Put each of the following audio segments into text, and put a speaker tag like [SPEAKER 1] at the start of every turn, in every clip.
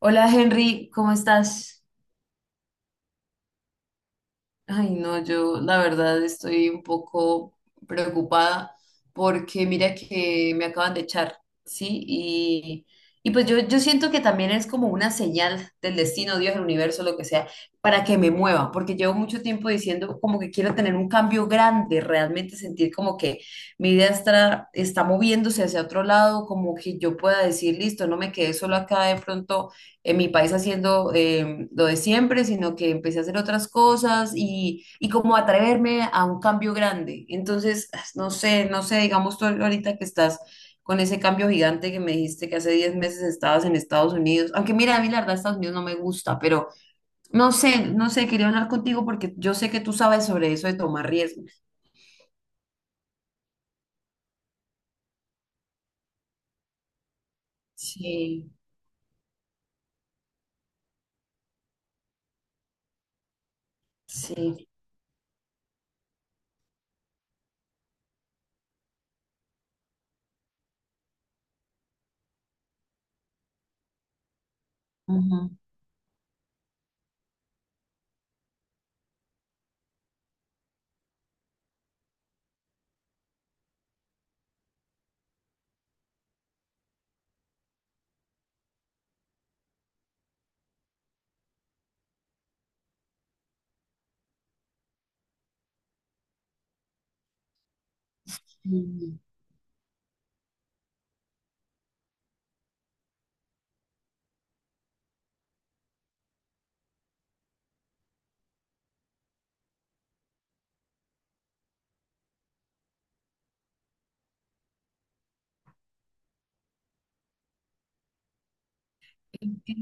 [SPEAKER 1] Hola Henry, ¿cómo estás? Ay, no, yo la verdad estoy un poco preocupada porque mira que me acaban de echar, ¿sí? Y pues yo siento que también es como una señal del destino, Dios, el universo, lo que sea, para que me mueva, porque llevo mucho tiempo diciendo como que quiero tener un cambio grande, realmente sentir como que mi vida está moviéndose hacia otro lado, como que yo pueda decir, listo, no me quedé solo acá de pronto en mi país haciendo lo de siempre, sino que empecé a hacer otras cosas y como atreverme a un cambio grande. Entonces, no sé, no sé, digamos tú ahorita que estás con ese cambio gigante que me dijiste que hace 10 meses estabas en Estados Unidos, aunque mira, a mí la verdad Estados Unidos no me gusta, pero no sé, no sé, quería hablar contigo porque yo sé que tú sabes sobre eso de tomar riesgos. Sí, sí. Ujú. Mm. Es que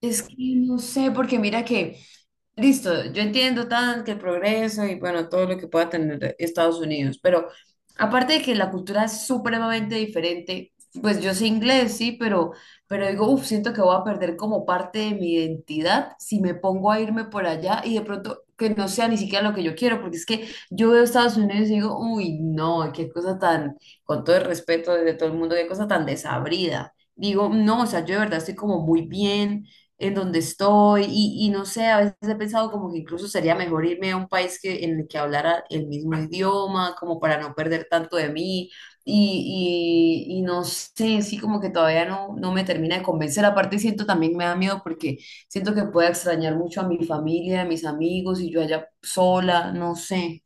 [SPEAKER 1] es que no sé, porque mira que listo, yo entiendo tanto que el progreso y bueno, todo lo que pueda tener Estados Unidos, pero aparte de que la cultura es supremamente diferente, pues yo sé inglés, sí, pero digo, uff, siento que voy a perder como parte de mi identidad si me pongo a irme por allá y de pronto que no sea ni siquiera lo que yo quiero, porque es que yo veo Estados Unidos y digo, uy, no, qué cosa tan, con todo el respeto de todo el mundo, qué cosa tan desabrida. Digo, no, o sea, yo de verdad estoy como muy bien en donde estoy y no sé, a veces he pensado como que incluso sería mejor irme a un país que, en el que hablara el mismo idioma, como para no perder tanto de mí y no sé, sí como que todavía no, no me termina de convencer, aparte siento también me da miedo porque siento que pueda extrañar mucho a mi familia, a mis amigos y yo allá sola, no sé,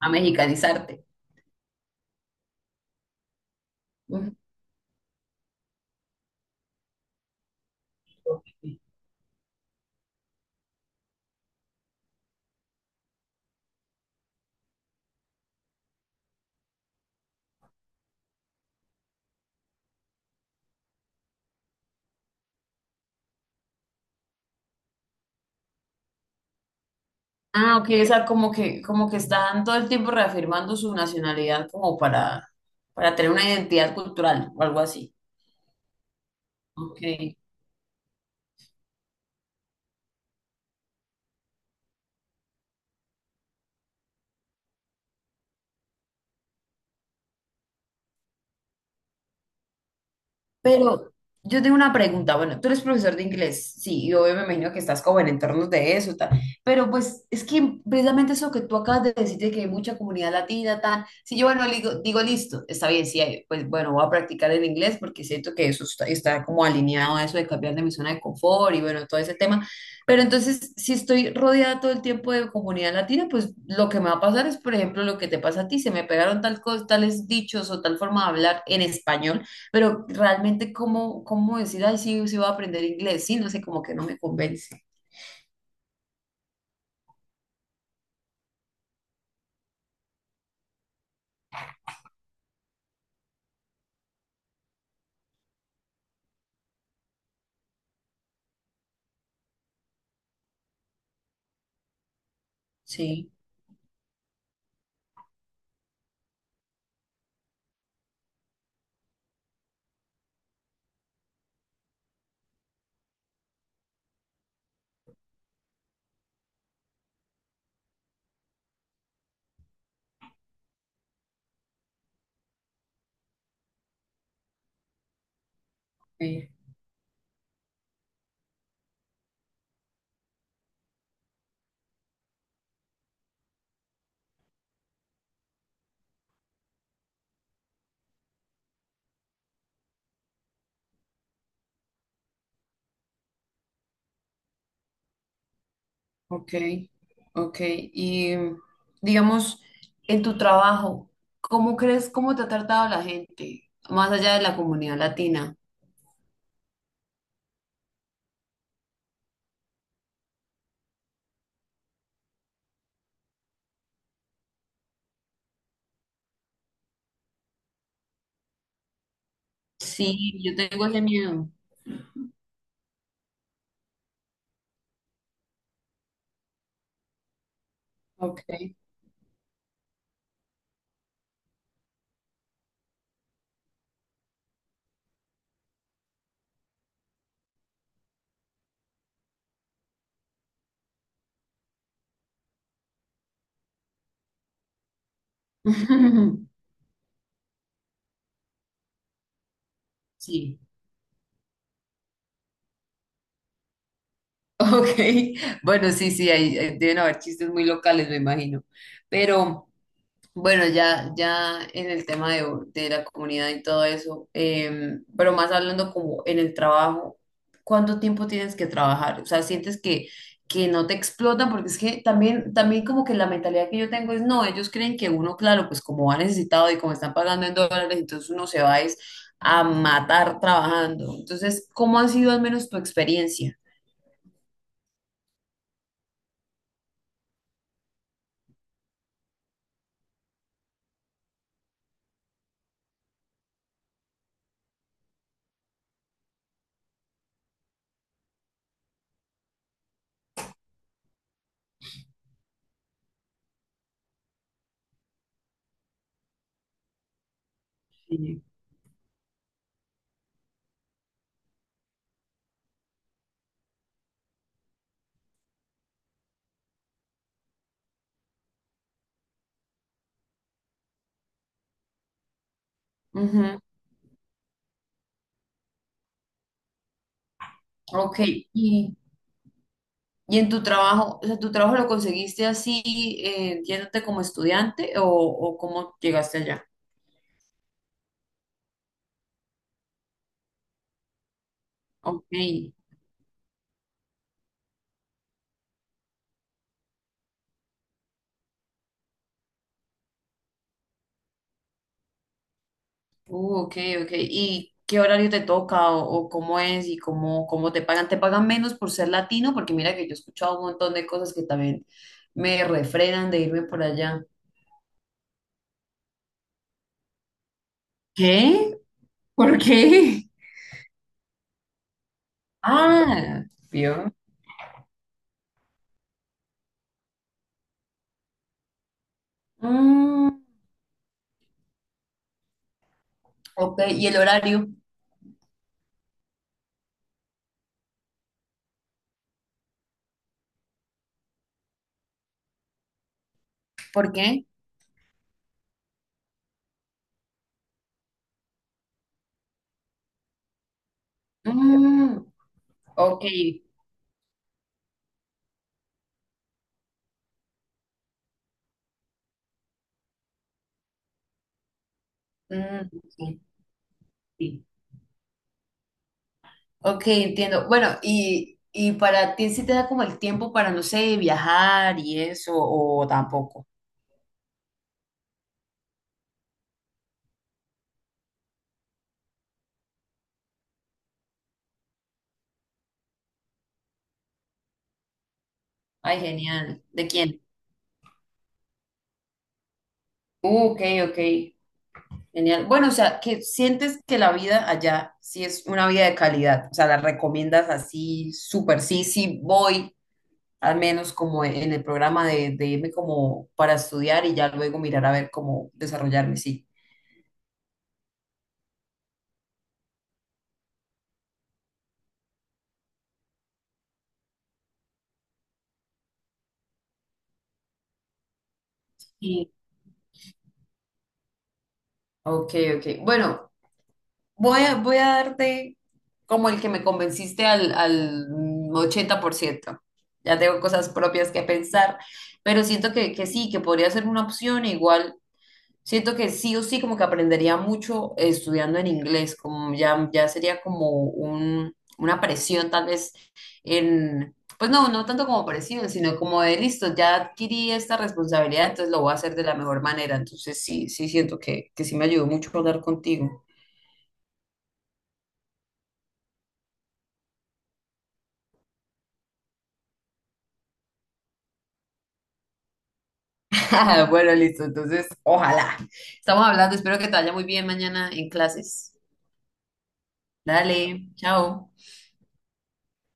[SPEAKER 1] a mexicanizarte. Ujú. Ah, ok, o sea, como que están todo el tiempo reafirmando su nacionalidad como para tener una identidad cultural o algo así. Ok. Pero yo tengo una pregunta. Bueno, tú eres profesor de inglés, sí, y me imagino que estás como en entornos de eso, tal. Pero pues es que precisamente eso que tú acabas de decir de que hay mucha comunidad latina, tal. Si yo, bueno, digo, listo, está bien, sí, hay- pues bueno, voy a practicar el inglés porque siento que eso está, está como alineado a eso de cambiar de mi zona de confort y bueno, todo ese tema. Pero entonces, si estoy rodeada todo el tiempo de comunidad latina, pues lo que me va a pasar es, por ejemplo, lo que te pasa a ti, se me pegaron tal cosa, tales dichos o tal forma de hablar en español pero realmente, ¿cómo, cómo decir, ay, sí, sí voy a aprender inglés? Sí, no sé, como que no me convence. Sí, sí, ok, ok. Y digamos, en tu trabajo, ¿cómo crees, cómo te ha tratado la gente, más allá de la comunidad latina? Sí, yo tengo ese miedo. Ok. Sí. Ok, bueno, sí, sí, ahí, ahí deben haber chistes muy locales, me imagino. Pero... Bueno, ya, ya en el tema de la comunidad y todo eso, pero más hablando como en el trabajo, ¿cuánto tiempo tienes que trabajar? O sea, sientes que no te explotan, porque es que también, también como que la mentalidad que yo tengo es, no, ellos creen que uno, claro, pues como ha necesitado y como están pagando en dólares, entonces uno se va es a matar trabajando. Entonces, ¿cómo ha sido al menos tu experiencia? Sí. Ujú, ok, y, y en tu trabajo, o sea, ¿tu trabajo lo conseguiste así, yéndote como estudiante o cómo llegaste allá? Ok. Ok, ok. ¿Y qué horario te toca o cómo es y cómo, cómo te pagan? ¿Te pagan menos por ser latino? Porque mira que yo he escuchado un montón de cosas que también me refrenan de irme por allá. ¿Qué? ¿Por qué? Ah, ¿vio? Mm, ok, ¿y el horario? ¿Por qué? Mm, ok, mm, sí, sí. Ok, entiendo. Bueno, y para ti sí te da como el tiempo para, no sé, viajar y eso o tampoco. Ay, genial. ¿De quién? Ok, ok. Genial. Bueno, o sea, que sientes que la vida allá sí es una vida de calidad. O sea, la recomiendas así, súper. Sí, sí, voy, al menos como en el programa de irme como para estudiar y ya luego mirar a ver cómo desarrollarme, sí. Sí. Ok, ok. Bueno, voy a darte como el que me convenciste al 80%. Ya tengo cosas propias que pensar, pero siento que sí, que podría ser una opción. Igual, siento que sí o sí, como que aprendería mucho estudiando en inglés, como ya, ya sería como un, una presión tal vez en, pues no, no tanto como presión, sino como de listo, ya adquirí esta responsabilidad, entonces lo voy a hacer de la mejor manera. Entonces sí, sí siento que sí me ayudó mucho hablar contigo. Bueno, listo. Entonces, ojalá. Estamos hablando. Espero que te vaya muy bien mañana en clases. Dale, chao.